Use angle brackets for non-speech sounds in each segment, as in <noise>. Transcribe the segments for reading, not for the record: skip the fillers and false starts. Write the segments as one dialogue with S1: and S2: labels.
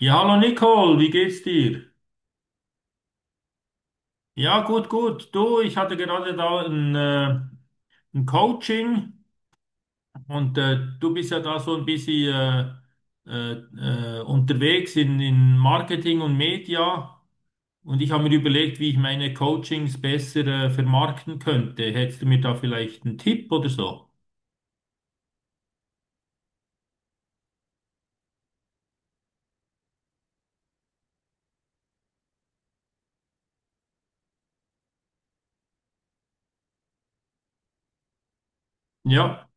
S1: Ja, hallo Nicole, wie geht's dir? Ja, gut, gut. Du, ich hatte gerade da ein Coaching und du bist ja da so ein bisschen unterwegs in Marketing und Media und ich habe mir überlegt, wie ich meine Coachings besser vermarkten könnte. Hättest du mir da vielleicht einen Tipp oder so? Ja.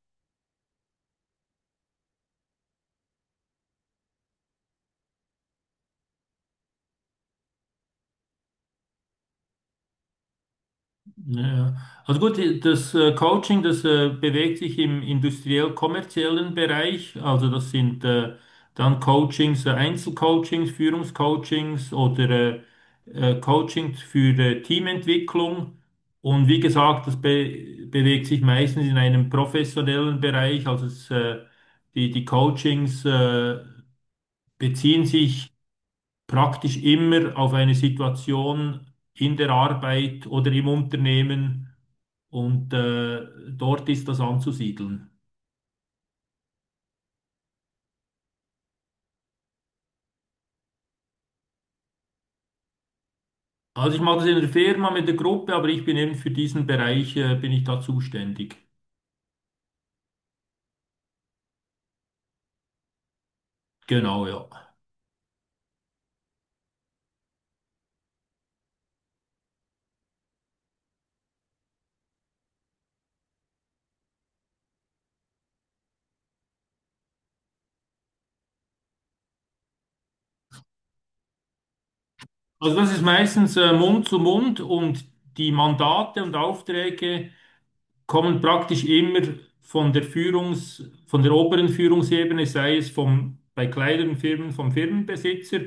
S1: Ja, ja. Also gut, das Coaching, das bewegt sich im industriell-kommerziellen Bereich. Also das sind dann Einzelcoachings, Führungscoachings oder Coachings für Teamentwicklung. Und wie gesagt, das be bewegt sich meistens in einem professionellen Bereich. Also die Coachings beziehen sich praktisch immer auf eine Situation in der Arbeit oder im Unternehmen und dort ist das anzusiedeln. Also ich mache das in der Firma mit der Gruppe, aber ich bin eben für diesen Bereich, bin ich da zuständig. Genau, ja. Also das ist meistens Mund zu Mund und die Mandate und Aufträge kommen praktisch immer von der oberen Führungsebene, sei es bei kleineren Firmen vom Firmenbesitzer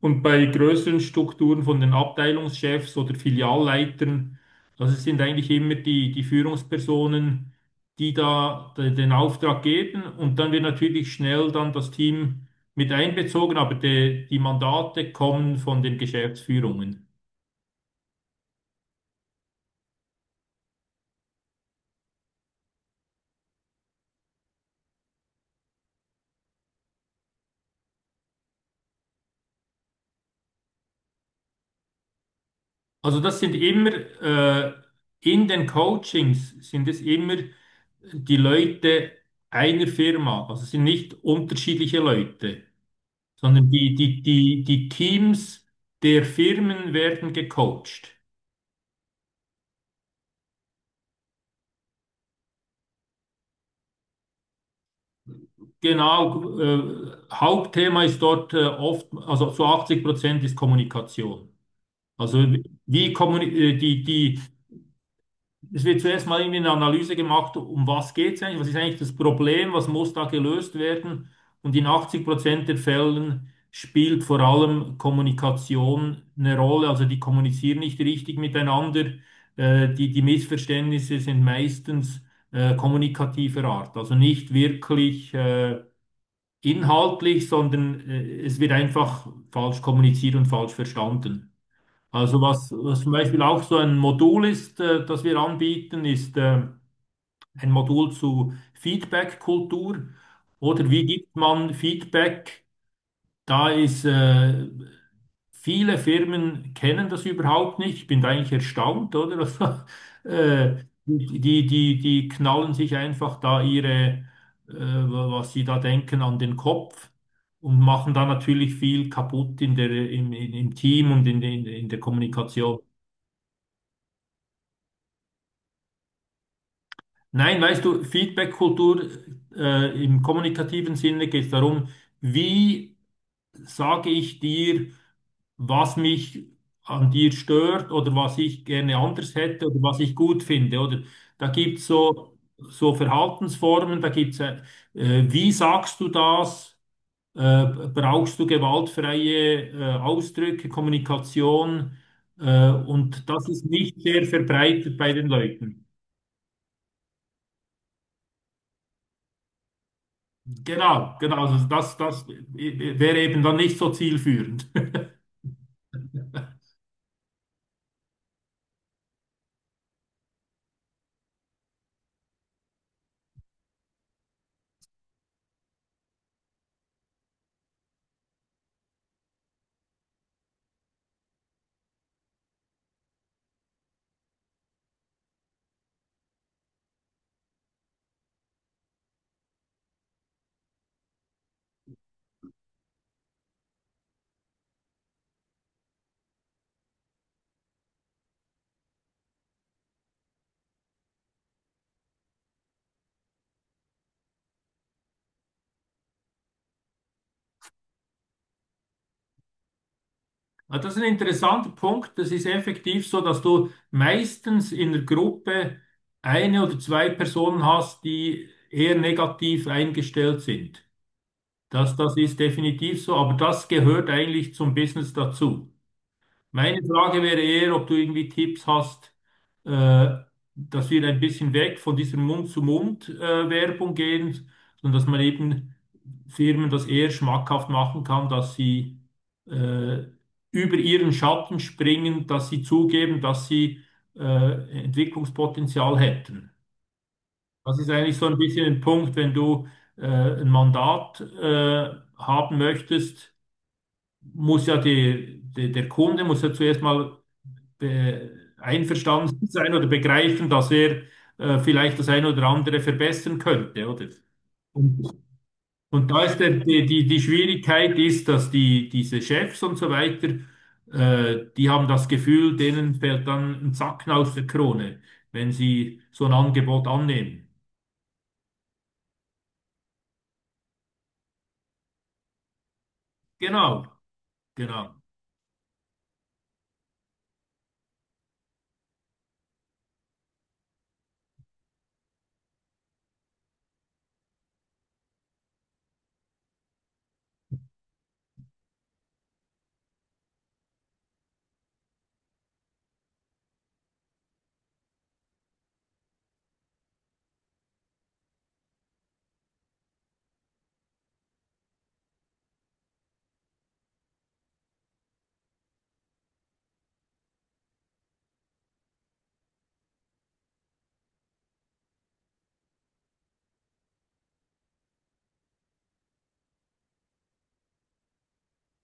S1: und bei größeren Strukturen von den Abteilungschefs oder Filialleitern. Also es sind eigentlich immer die Führungspersonen, die den Auftrag geben und dann wird natürlich schnell dann das Team mit einbezogen, aber die Mandate kommen von den Geschäftsführungen. Also das sind immer äh, in den Coachings sind es immer die Leute einer Firma, also es sind nicht unterschiedliche Leute, sondern die Teams der Firmen werden gecoacht. Genau, Hauptthema ist dort oft, also zu 80% ist Kommunikation. Also wie kommuni die, die, Es wird zuerst mal irgendwie eine Analyse gemacht, um was geht es eigentlich, was ist eigentlich das Problem, was muss da gelöst werden. Und in 80% der Fällen spielt vor allem Kommunikation eine Rolle. Also die kommunizieren nicht richtig miteinander. Die Missverständnisse sind meistens kommunikativer Art. Also nicht wirklich inhaltlich, sondern es wird einfach falsch kommuniziert und falsch verstanden. Also was, was zum Beispiel auch so ein Modul ist, das wir anbieten, ist ein Modul zu Feedback-Kultur oder wie gibt man Feedback? Da ist viele Firmen kennen das überhaupt nicht. Ich bin da eigentlich erstaunt, oder? <laughs> Also, die knallen sich einfach da was sie da denken, an den Kopf und machen da natürlich viel kaputt in der, im, im im Team und in der Kommunikation. Nein, weißt du, Feedback-Kultur im kommunikativen Sinne geht es darum, wie sage ich dir, was mich an dir stört oder was ich gerne anders hätte oder was ich gut finde. Oder da gibt es so, so Verhaltensformen, da gibt es, wie sagst du das? Äh, Brauchst du gewaltfreie Ausdrücke, Kommunikation? Und das ist nicht sehr verbreitet bei den Leuten. Genau, genau. Also das wäre eben dann nicht so zielführend. <laughs> Ja, das ist ein interessanter Punkt. Das ist effektiv so, dass du meistens in der Gruppe eine oder zwei Personen hast, die eher negativ eingestellt sind. Das ist definitiv so, aber das gehört eigentlich zum Business dazu. Meine Frage wäre eher, ob du irgendwie Tipps hast, äh, dass wir ein bisschen weg von dieser Mund-zu-Mund-Werbung gehen, sondern dass man eben Firmen das eher schmackhaft machen kann, dass sie äh, über ihren Schatten springen, dass sie zugeben, dass sie Entwicklungspotenzial hätten. Das ist eigentlich so ein bisschen ein Punkt, wenn du äh, ein Mandat haben möchtest, muss ja der Kunde muss ja zuerst mal einverstanden sein oder begreifen, dass er vielleicht das eine oder andere verbessern könnte, oder? Und, und da ist die Schwierigkeit ist, dass diese Chefs und so weiter, die haben das Gefühl, denen fällt dann ein Zacken aus der Krone, wenn sie so ein Angebot annehmen. Genau, genau.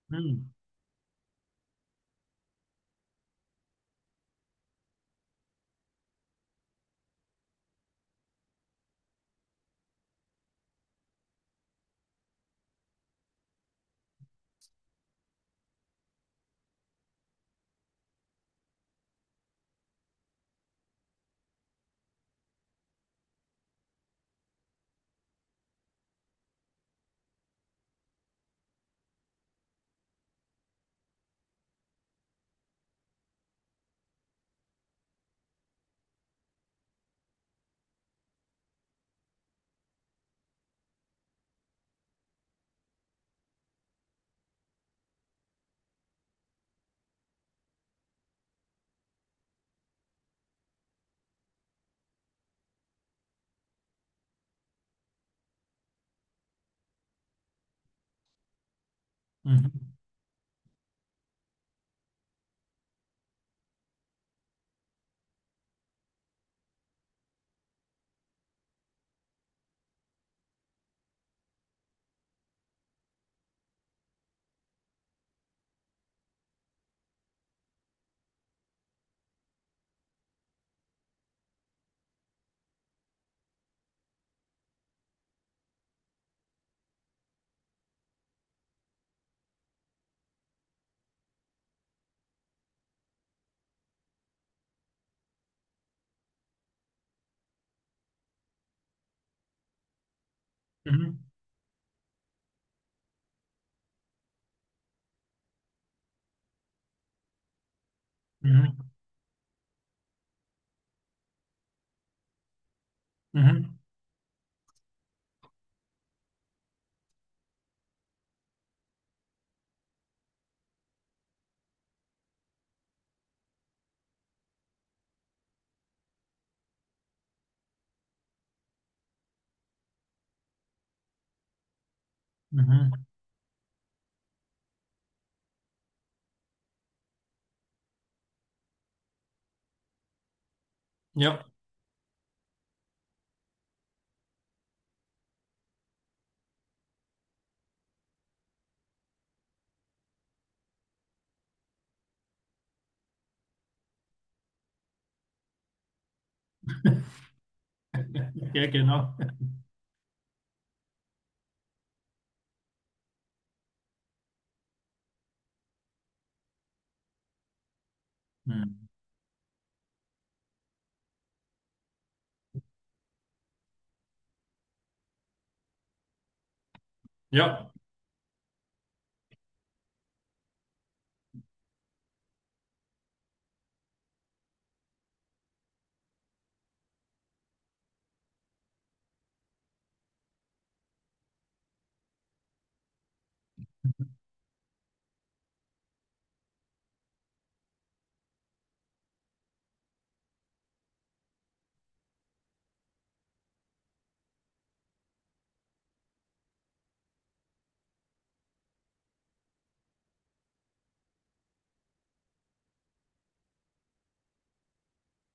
S1: Hm. Mhm. Mhm. Mhm. Mhm. Mhm. Ja, ja, genau. Hm. Ja. Mhm.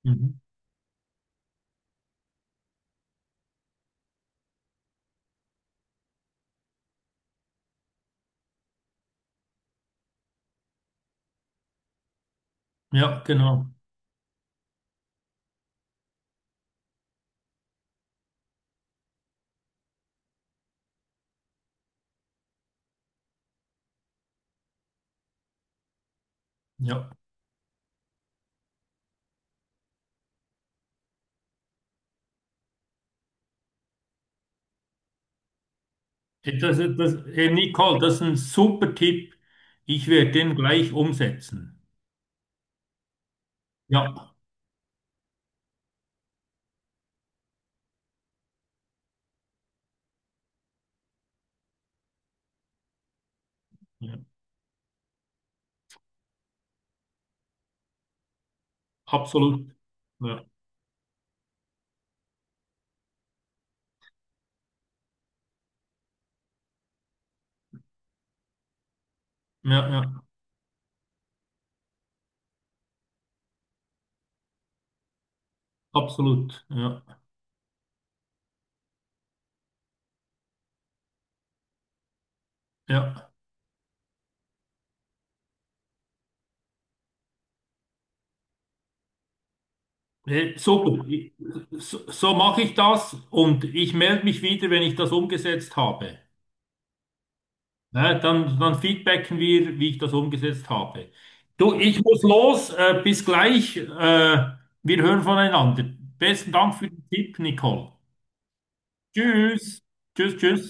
S1: Mhm. Ja, genau. Ja. Hey Nicole, das ist ein super Tipp. Ich werde den gleich umsetzen. Ja, ja, absolut. Ja, ja, ja, absolut. Ja, ja. Hey, super. Ich- So, so mache ich das und ich melde mich wieder, wenn ich das umgesetzt habe. Ne, dann, dann feedbacken wir, wie ich das umgesetzt habe. Du, ich muss los. Bis gleich. Wir hören voneinander. Besten Dank für den Tipp, Nicole. Tschüss. Tschüss, tschüss.